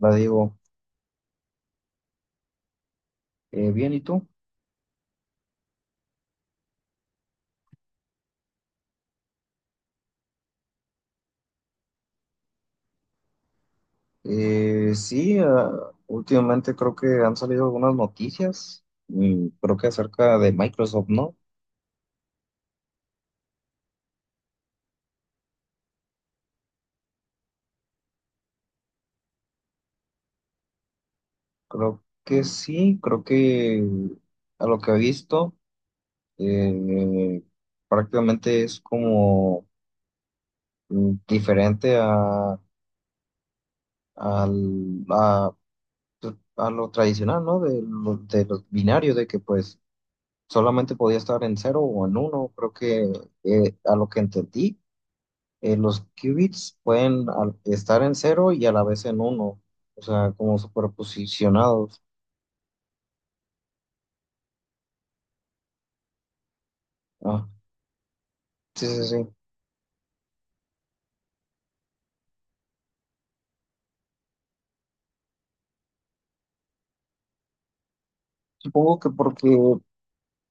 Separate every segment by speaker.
Speaker 1: La digo, bien, ¿y tú? Sí, últimamente creo que han salido algunas noticias, creo que acerca de Microsoft, ¿no? Creo que sí, creo que a lo que he visto, eh, prácticamente es como diferente a, a, pues, a lo tradicional, ¿no? De los binarios, de que pues solamente podía estar en cero o en uno, creo que a lo que entendí los qubits pueden estar en cero y a la vez en uno, o sea, como superposicionados. Ah, sí, sí, sí. Supongo que porque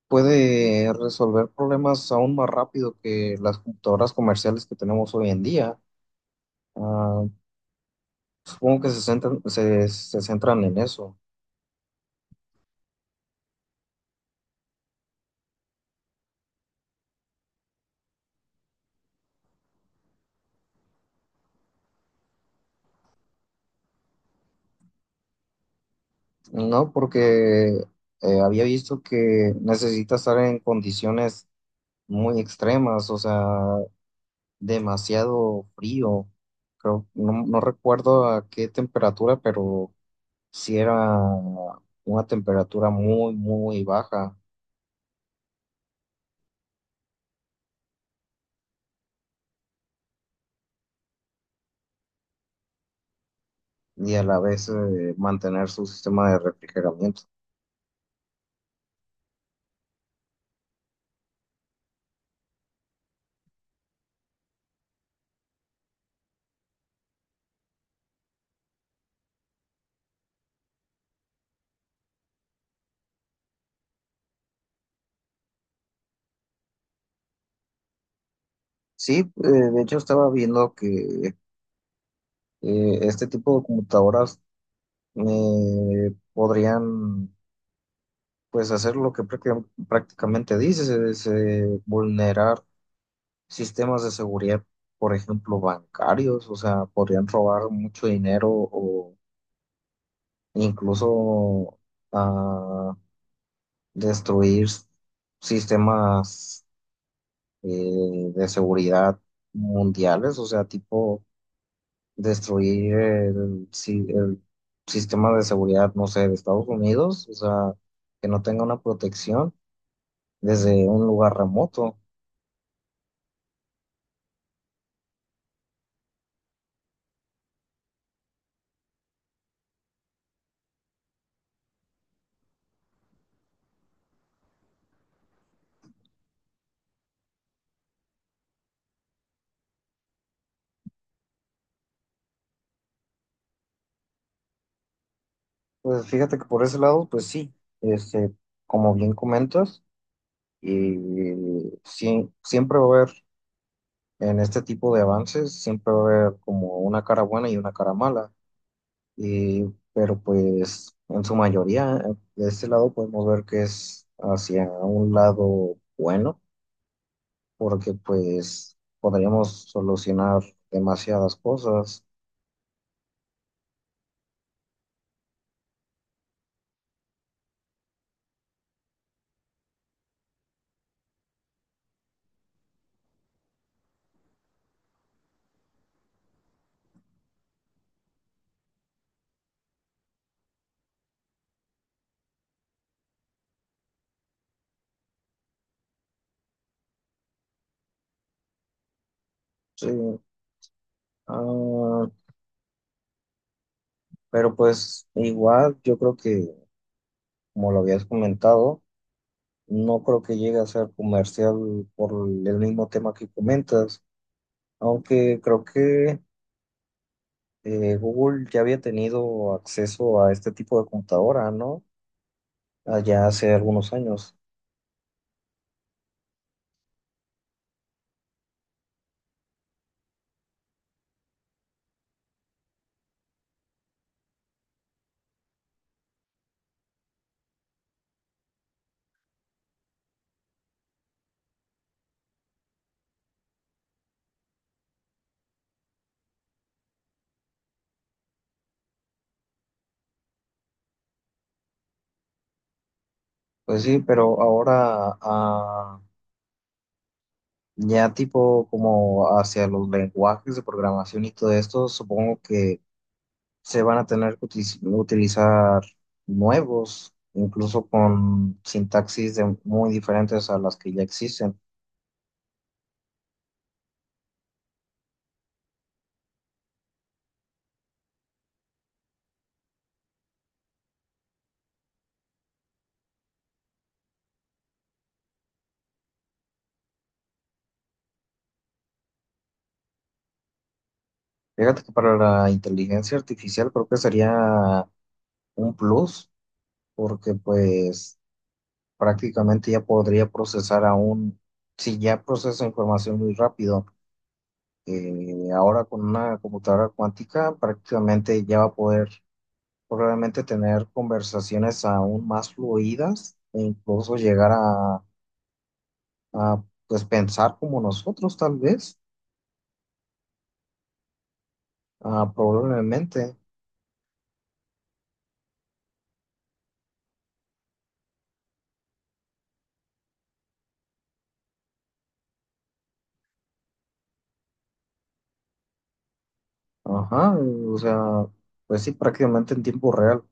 Speaker 1: puede resolver problemas aún más rápido que las computadoras comerciales que tenemos hoy en día. Ah, supongo que se centran en eso, ¿no? Porque había visto que necesita estar en condiciones muy extremas, o sea, demasiado frío. Creo, no, no recuerdo a qué temperatura, pero sí era una temperatura muy, muy baja y a la vez mantener su sistema de refrigeramiento. Sí, de hecho estaba viendo que este tipo de computadoras podrían pues hacer lo que prácticamente dices, es vulnerar sistemas de seguridad, por ejemplo, bancarios, o sea, podrían robar mucho dinero o incluso ah, destruir sistemas de seguridad mundiales, o sea, tipo destruir el sistema de seguridad, no sé, de Estados Unidos, o sea, que no tenga una protección desde un lugar remoto. Pues fíjate que por ese lado, pues sí, este, como bien comentas. Y sí, siempre va a haber, en este tipo de avances, siempre va a haber como una cara buena y una cara mala. Y, pero pues en su mayoría, de este lado podemos ver que es hacia un lado bueno, porque pues podríamos solucionar demasiadas cosas. Sí, ah, pero pues igual yo creo que, como lo habías comentado, no creo que llegue a ser comercial por el mismo tema que comentas. Aunque creo que Google ya había tenido acceso a este tipo de computadora, ¿no? Allá hace algunos años. Pues sí, pero ahora ya tipo como hacia los lenguajes de programación y todo esto, supongo que se van a tener que utilizar nuevos, incluso con sintaxis muy diferentes a las que ya existen. Fíjate que para la inteligencia artificial creo que sería un plus porque pues prácticamente ya podría procesar aún, si ya procesa información muy rápido, ahora con una computadora cuántica prácticamente ya va a poder probablemente tener conversaciones aún más fluidas e incluso llegar pues pensar como nosotros tal vez, probablemente, ajá, o sea, pues sí, prácticamente en tiempo real,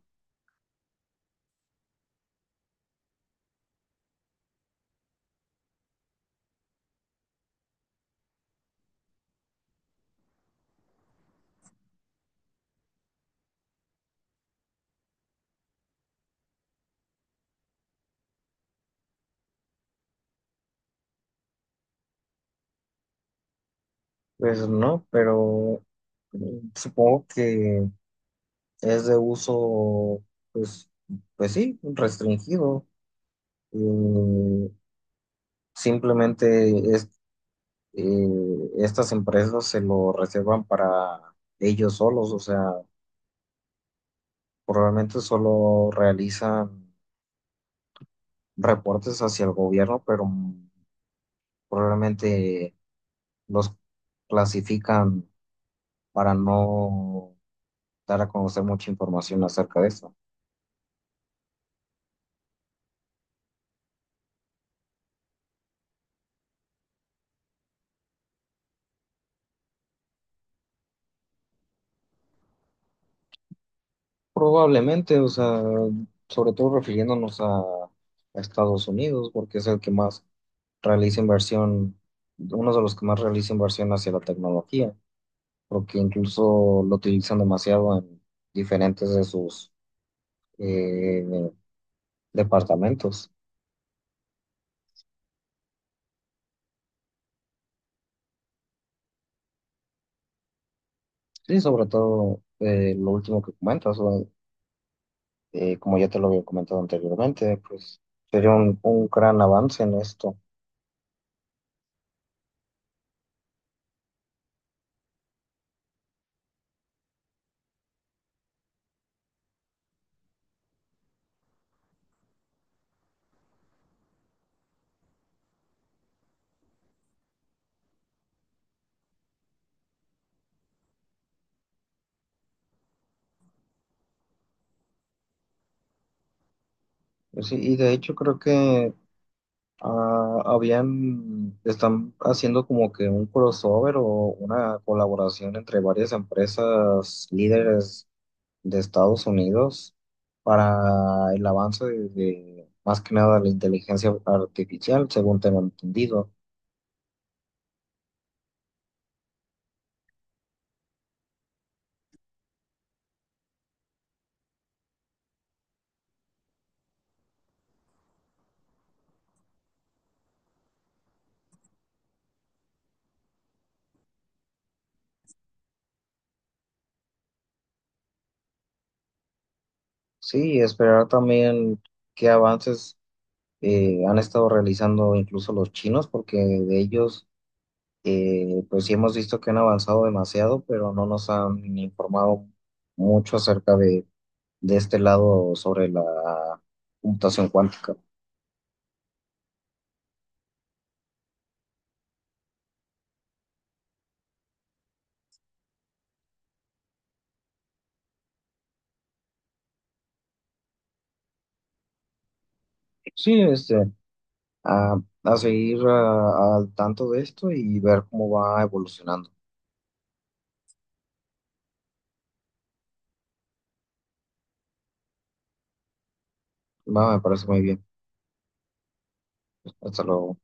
Speaker 1: pues no, pero eh, supongo que es de uso, pues, pues sí, restringido. Eh, simplemente es, eh, estas empresas se lo reservan para ellos solos, o sea, probablemente solo realizan reportes hacia el gobierno, pero probablemente los clasifican para no dar a conocer mucha información acerca de eso. Probablemente, o sea, sobre todo refiriéndonos a Estados Unidos, porque es el que más realiza inversión, uno de los que más realiza inversión hacia la tecnología, porque incluso lo utilizan demasiado en diferentes de sus eh, departamentos. Sí, sobre todo lo último que comentas, o, como ya te lo había comentado anteriormente, pues sería un gran avance en esto. Sí, y de hecho creo que están haciendo como que un crossover o una colaboración entre varias empresas líderes de Estados Unidos para el avance de más que nada la inteligencia artificial, según tengo entendido. Sí, y esperar también qué avances han estado realizando incluso los chinos, porque de ellos, pues sí hemos visto que han avanzado demasiado, pero no nos han informado mucho acerca de este lado sobre la computación cuántica. Sí, a, a seguir al tanto de esto y ver cómo va evolucionando. Va, me parece muy bien. Hasta luego.